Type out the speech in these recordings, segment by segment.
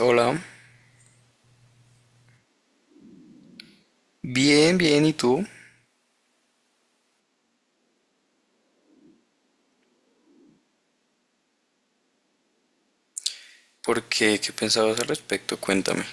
Hola, bien, bien, ¿y tú? ¿Por qué? ¿Qué pensabas al respecto? Cuéntame.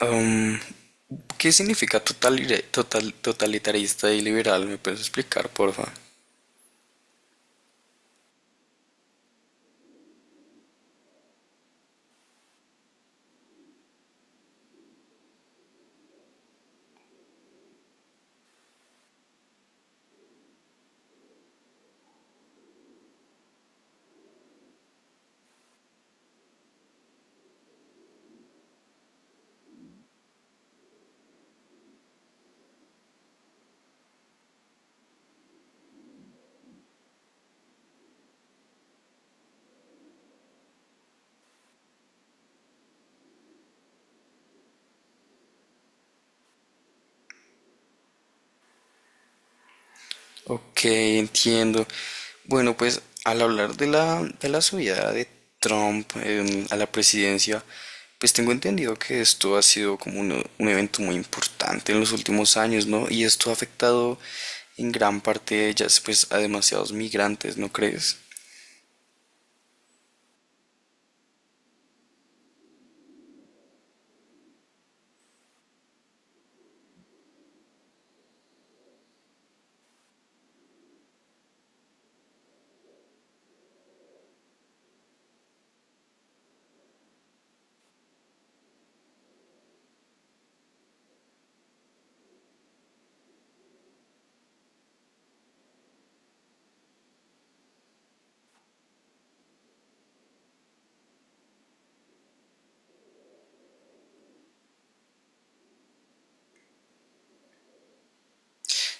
Am, ¿Qué significa totalitarista y liberal? ¿Me puedes explicar, porfa? Ok, entiendo. Bueno, pues al hablar de la subida de Trump a la presidencia, pues tengo entendido que esto ha sido como un evento muy importante en los últimos años, ¿no? Y esto ha afectado en gran parte, ya, pues, a demasiados migrantes, ¿no crees?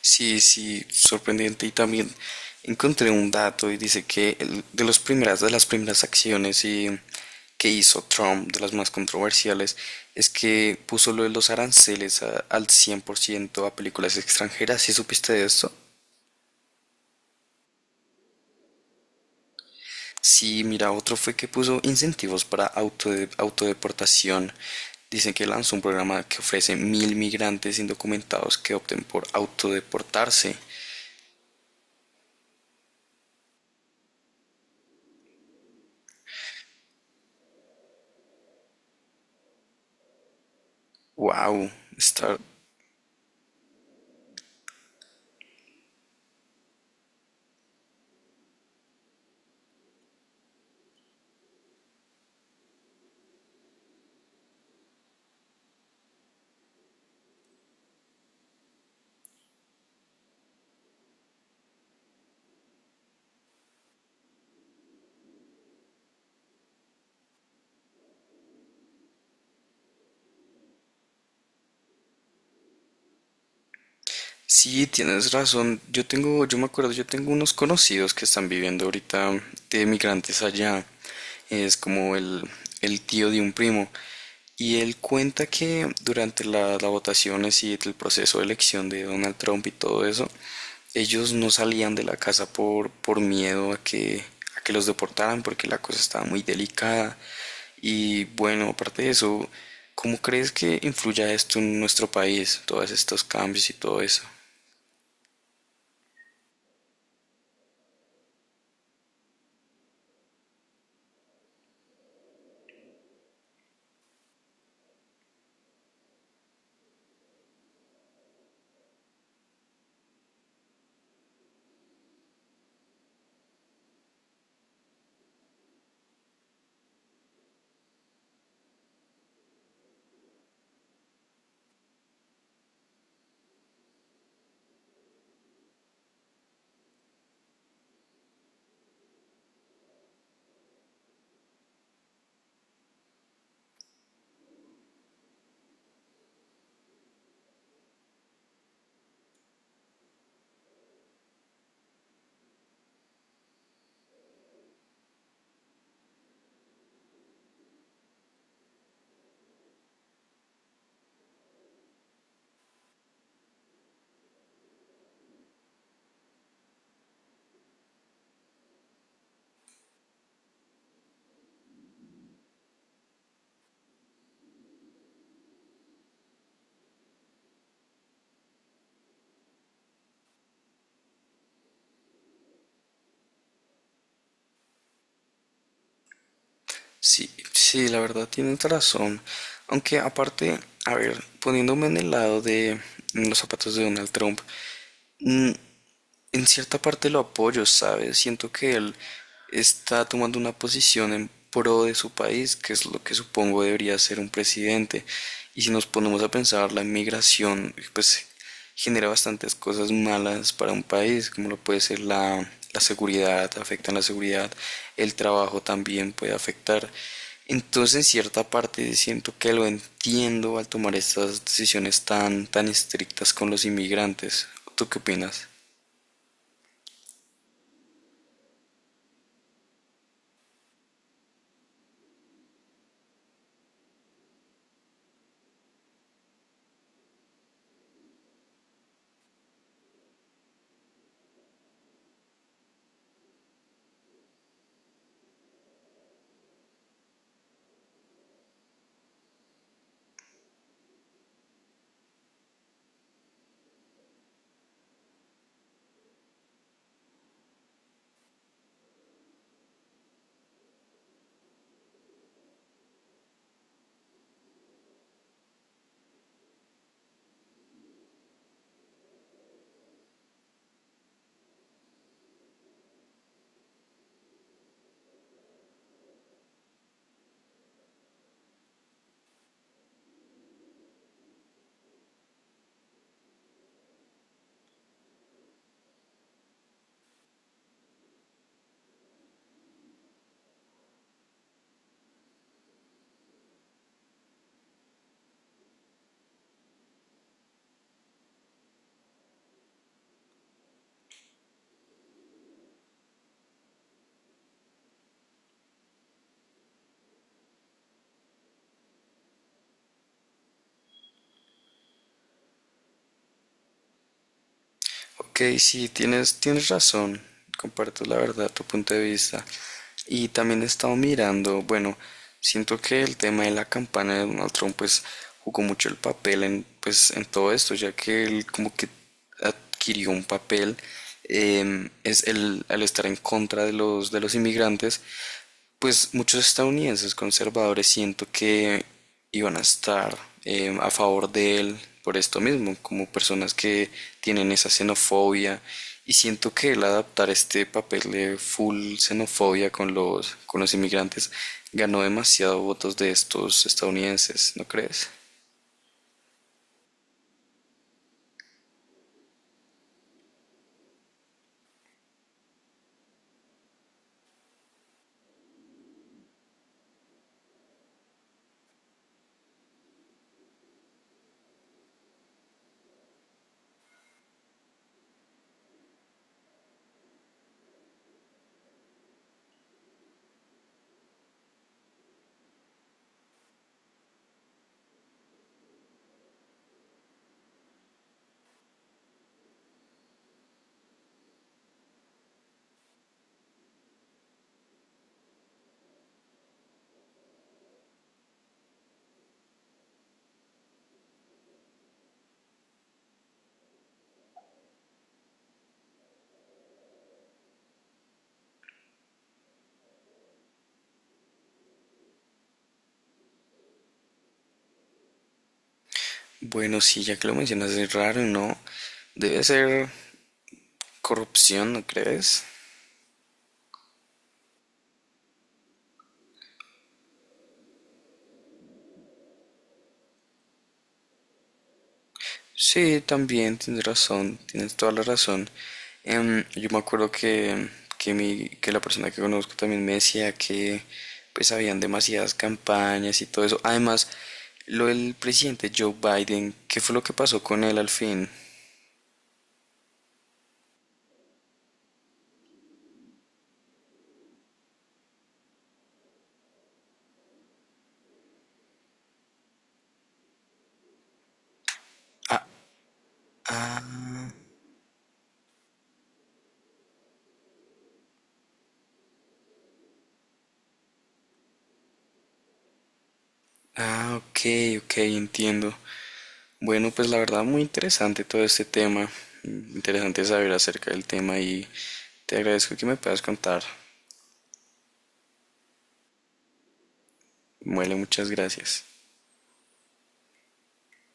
Sí, sí, sorprendente. Y también encontré un dato y dice que de las primeras acciones que hizo Trump, de las más controversiales, es que puso lo de los aranceles al 100% a películas extranjeras. ¿Sí supiste de esto? Sí, mira, otro fue que puso incentivos para autodeportación. Dicen que lanzó un programa que ofrece 1.000 migrantes indocumentados que opten por autodeportarse. Wow, está. Sí, tienes razón. Yo me acuerdo, yo tengo unos conocidos que están viviendo ahorita de migrantes allá. Es como el tío de un primo. Y él cuenta que durante las votaciones y sí, el proceso de elección de Donald Trump y todo eso, ellos no salían de la casa por miedo a que los deportaran, porque la cosa estaba muy delicada. Y bueno, aparte de eso, ¿cómo crees que influya esto en nuestro país, todos estos cambios y todo eso? Sí, sí, la verdad tienes razón. Aunque aparte, a ver, poniéndome en el lado de los zapatos de Donald Trump, mm, en cierta parte lo apoyo, ¿sabes? Siento que él está tomando una posición en pro de su país, que es lo que supongo debería ser un presidente. Y si nos ponemos a pensar, la inmigración, pues genera bastantes cosas malas para un país, como lo puede ser la seguridad, afecta en la seguridad, el trabajo también puede afectar. Entonces, en cierta parte siento que lo entiendo al tomar estas decisiones tan, tan estrictas con los inmigrantes. ¿Tú qué opinas? Ok, sí, tienes razón. Comparto la verdad, tu punto de vista. Y también he estado mirando, bueno, siento que el tema de la campana de Donald Trump pues jugó mucho el papel en, pues, en todo esto, ya que él como que adquirió un papel al estar en contra de los inmigrantes, pues muchos estadounidenses conservadores siento que iban a estar a favor de él por esto mismo, como personas que tienen esa xenofobia. Y siento que el adaptar este papel de full xenofobia con los, inmigrantes ganó demasiado votos de estos estadounidenses, ¿no crees? Bueno, sí, ya que lo mencionas, es raro, ¿no? Debe ser corrupción, ¿no crees? Sí, también tienes razón, tienes toda la razón. Yo me acuerdo que la persona que conozco también me decía que pues habían demasiadas campañas y todo eso. Además, lo del presidente Joe Biden, ¿qué fue lo que pasó con él al fin? Ah, ah, ok, ok, entiendo. Bueno, pues la verdad muy interesante todo este tema. Interesante saber acerca del tema y te agradezco que me puedas contar. Muele, muchas gracias.